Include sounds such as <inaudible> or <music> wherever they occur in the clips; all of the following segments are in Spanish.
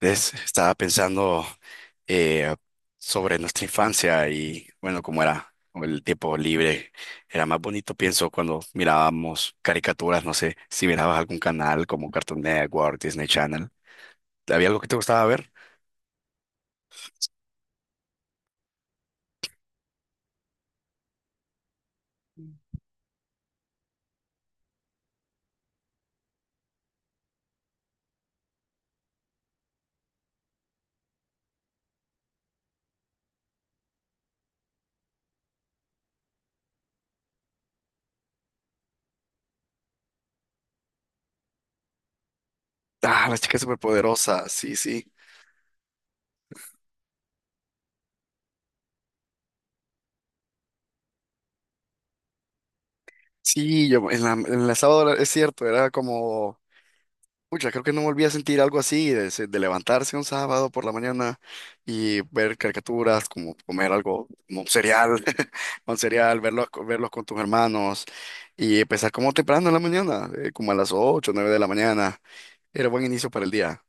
¿Ves? Estaba pensando eh, sobre nuestra infancia y bueno, como era el tiempo libre. Era más bonito, pienso, cuando mirábamos caricaturas, no sé, si mirabas algún canal como Cartoon Network, Disney Channel. ¿Había algo que te gustaba ver? Ah, las chicas superpoderosas, sí, sí. Sí, yo en la sábado es cierto, era como Pucha, creo que no volví a sentir algo así, de levantarse un sábado por la mañana y ver caricaturas, como comer algo, como un cereal, <laughs> un cereal, verlos, verlos con tus hermanos y empezar como temprano en la mañana, como a las 8, 9 de la mañana. Era buen inicio para el día.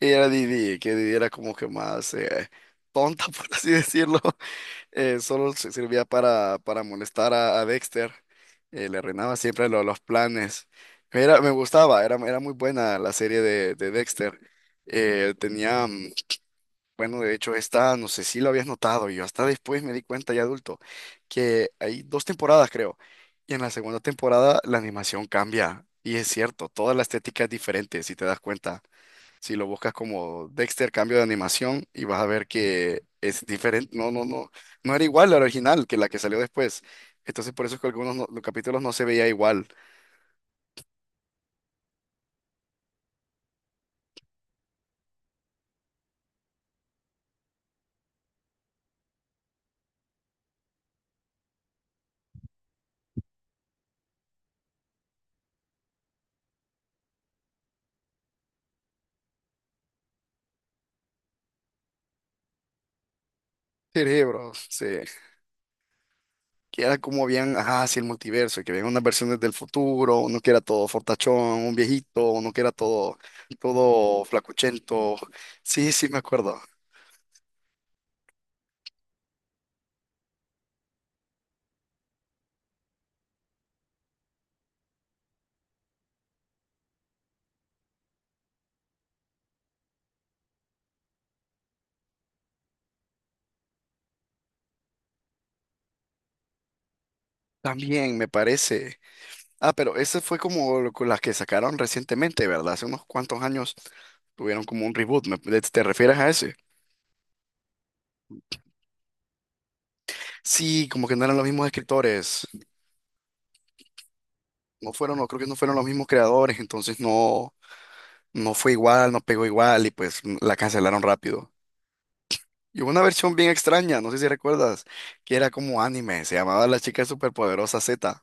Y era Didi, que Didi era como que más tonta, <laughs> por así decirlo, solo servía para molestar a Dexter. Le arruinaba siempre los planes. Era, me gustaba, era muy buena la serie de Dexter. Tenía, bueno, de hecho, esta, no sé si lo habías notado, yo hasta después me di cuenta ya adulto, que hay dos temporadas, creo. Y en la segunda temporada la animación cambia. Y es cierto, toda la estética es diferente, si te das cuenta. Si lo buscas como Dexter cambio de animación y vas a ver que es diferente, no, no, no, no era igual la original que la que salió después. Entonces por eso es que algunos los capítulos no se veía igual. Cerebros, sí que era como bien, ajá, sí, el multiverso, que veían unas versiones del futuro, uno que era todo fortachón, un viejito, uno que era todo flacuchento. Sí, sí, me acuerdo. También me parece. Ah, pero esa fue como con las que sacaron recientemente, ¿verdad? Hace unos cuantos años tuvieron como un reboot. ¿Te refieres a ese? Sí, como que no eran los mismos escritores. No fueron, no creo que no fueron los mismos creadores, entonces no, no fue igual, no pegó igual y pues la cancelaron rápido. Y hubo una versión bien extraña, no sé si recuerdas, que era como anime, se llamaba La Chica Superpoderosa Z.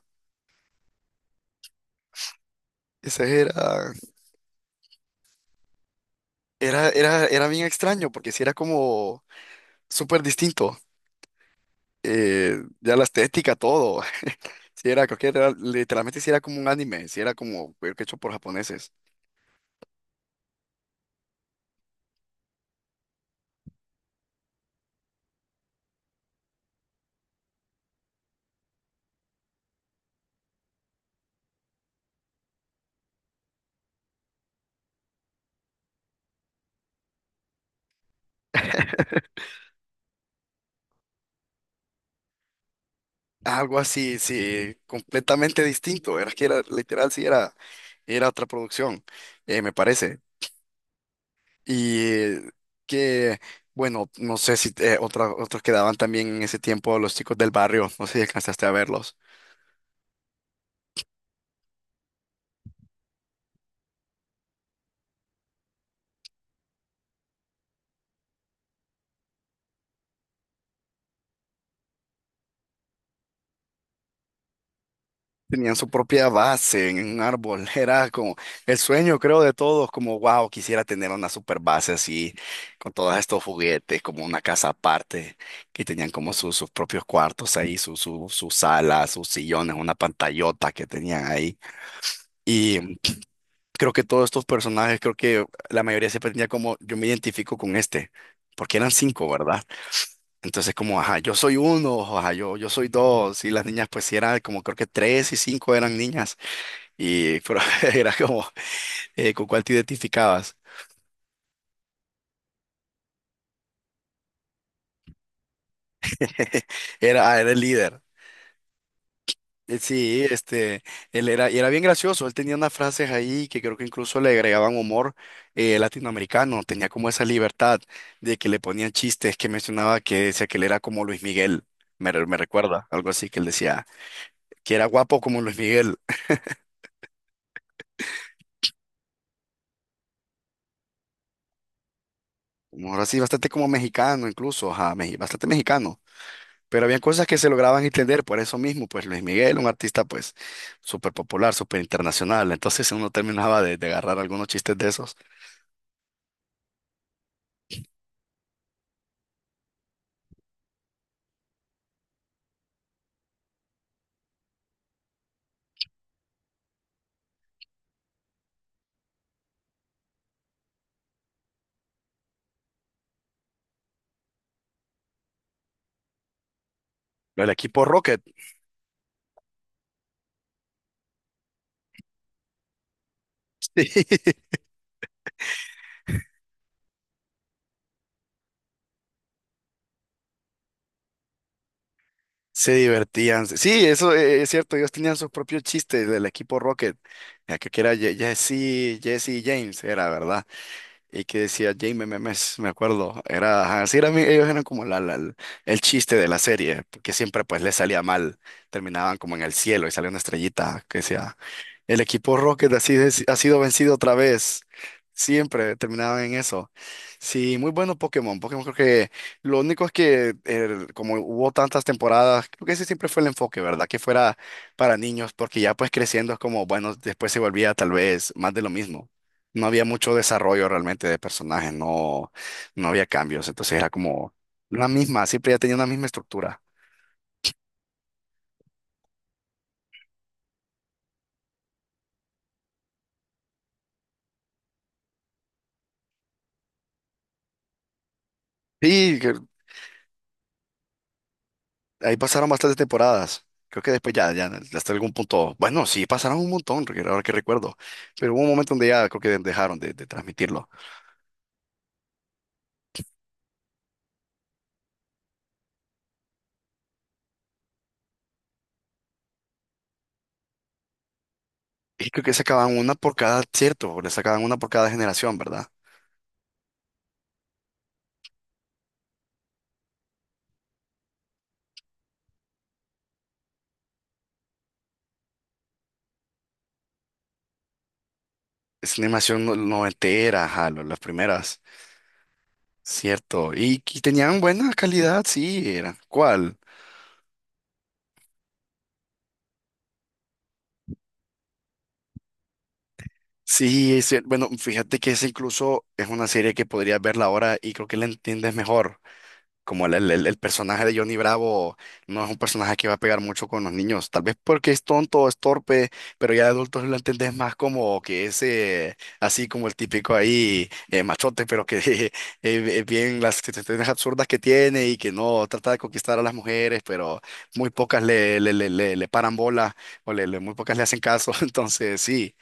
Ese era, bien extraño porque sí era como súper distinto. Ya la estética, todo. Sí, era, creo que literalmente sí era como un anime, sí era como creo que hecho por japoneses. Algo así, sí, completamente distinto. Era que era, literal, sí era otra producción, me parece. Y que, bueno, no sé si otros quedaban también en ese tiempo los chicos del barrio, no sé si alcanzaste a verlos. Tenían su propia base en un árbol. <laughs> Era como el sueño, creo, de todos, como, wow, quisiera tener una super base así, con todos estos juguetes, como una casa aparte, que tenían como sus propios cuartos ahí, su sala, sus sillones, una pantallota que tenían ahí. Y creo que todos estos personajes, creo que la mayoría se tenía como, yo me identifico con este, porque eran cinco, ¿verdad? Entonces como, ajá, yo soy uno, ajá, yo soy dos, y las niñas pues sí eran como, creo que tres y cinco eran niñas, y pero <laughs> era como, ¿con cuál te identificabas? <laughs> Era el líder. Sí, este, él era, y era bien gracioso, él tenía unas frases ahí que creo que incluso le agregaban humor latinoamericano, tenía como esa libertad de que le ponían chistes que mencionaba que decía que él era como Luis Miguel, me recuerda, algo así que él decía, que era guapo como Luis Miguel, como ahora sí, bastante como mexicano incluso, ajá, bastante mexicano, pero había cosas que se lograban entender por eso mismo, pues Luis Miguel, un artista pues súper popular, súper internacional, entonces uno terminaba de agarrar algunos chistes de esos. El equipo Rocket. <laughs> Se divertían. Sí, eso es cierto. Ellos tenían sus propios chistes del equipo Rocket. Ya creo que era Jesse James, era, ¿verdad? Y que decía James Memes, me acuerdo. Era, ajá, sí, ellos eran como el chiste de la serie, porque siempre pues les salía mal. Terminaban como en el cielo y salía una estrellita que decía el equipo Rocket ha sido vencido otra vez. Siempre terminaba en eso. Sí, muy bueno Pokémon. Pokémon creo que lo único es que como hubo tantas temporadas, creo que ese siempre fue el enfoque, ¿verdad? Que fuera para niños, porque ya pues creciendo es como, bueno, después se volvía tal vez más de lo mismo. No había mucho desarrollo realmente de personajes, no, no había cambios. Entonces era como la misma, siempre ya tenía una misma estructura. Sí, ahí pasaron bastantes temporadas. Creo que después ya hasta algún punto. Bueno, sí, pasaron un montón, porque ahora que recuerdo. Pero hubo un momento donde ya creo que dejaron de transmitirlo. Y creo que sacaban una por cada, cierto, le sacaban una por cada generación, ¿verdad? Es una animación noventera, ajá, las primeras. Cierto. Y tenían buena calidad, sí, eran. ¿Cuál? Sí, Bueno, fíjate que esa incluso es una serie que podrías verla ahora y creo que la entiendes mejor. Como el personaje de Johnny Bravo no es un personaje que va a pegar mucho con los niños, tal vez porque es tonto, es torpe, pero ya de adultos lo entendés más como que es así como el típico ahí machote, pero que <laughs> eh, bien las situaciones absurdas que tiene y que no trata de conquistar a las mujeres, pero muy pocas le paran bola o muy pocas le hacen caso, <laughs> entonces sí.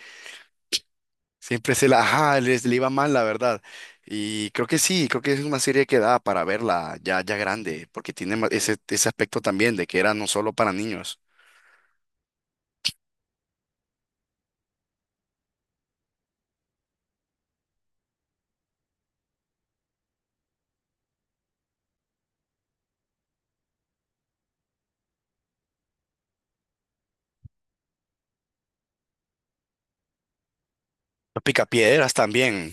Siempre se la, ajá, les le iba mal, la verdad. Y creo que sí, creo que es una serie que da para verla ya, ya grande, porque tiene ese aspecto también de que era no solo para niños. Los Picapiedras también.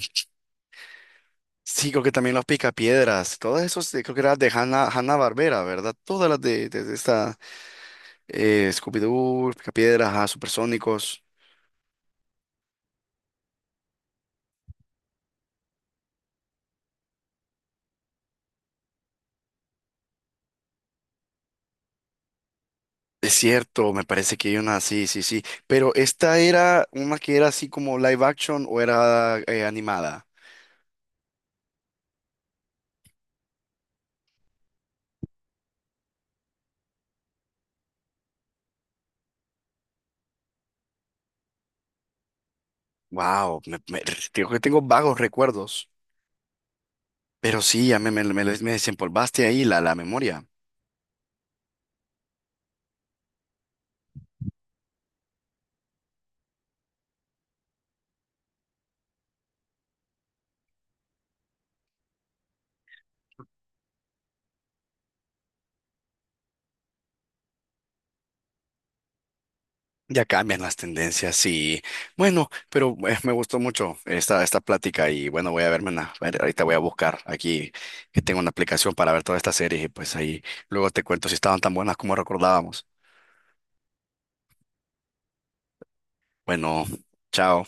Sí, creo que también los Picapiedras. Todas esos, creo que eran de Hanna-Barbera, ¿verdad? Todas las de esta Scooby-Doo, Picapiedras, ajá, Supersónicos. Es cierto, me parece que hay una, sí, sí, sí. Pero esta era una que era así como live action o era animada. Wow, digo que tengo vagos recuerdos, pero sí, ya me desempolvaste ahí la memoria. Ya cambian las tendencias y bueno, pero me gustó mucho esta plática y bueno, voy a verme ahorita voy a buscar aquí que tengo una aplicación para ver todas estas series y pues ahí luego te cuento si estaban tan buenas como recordábamos. Bueno, chao.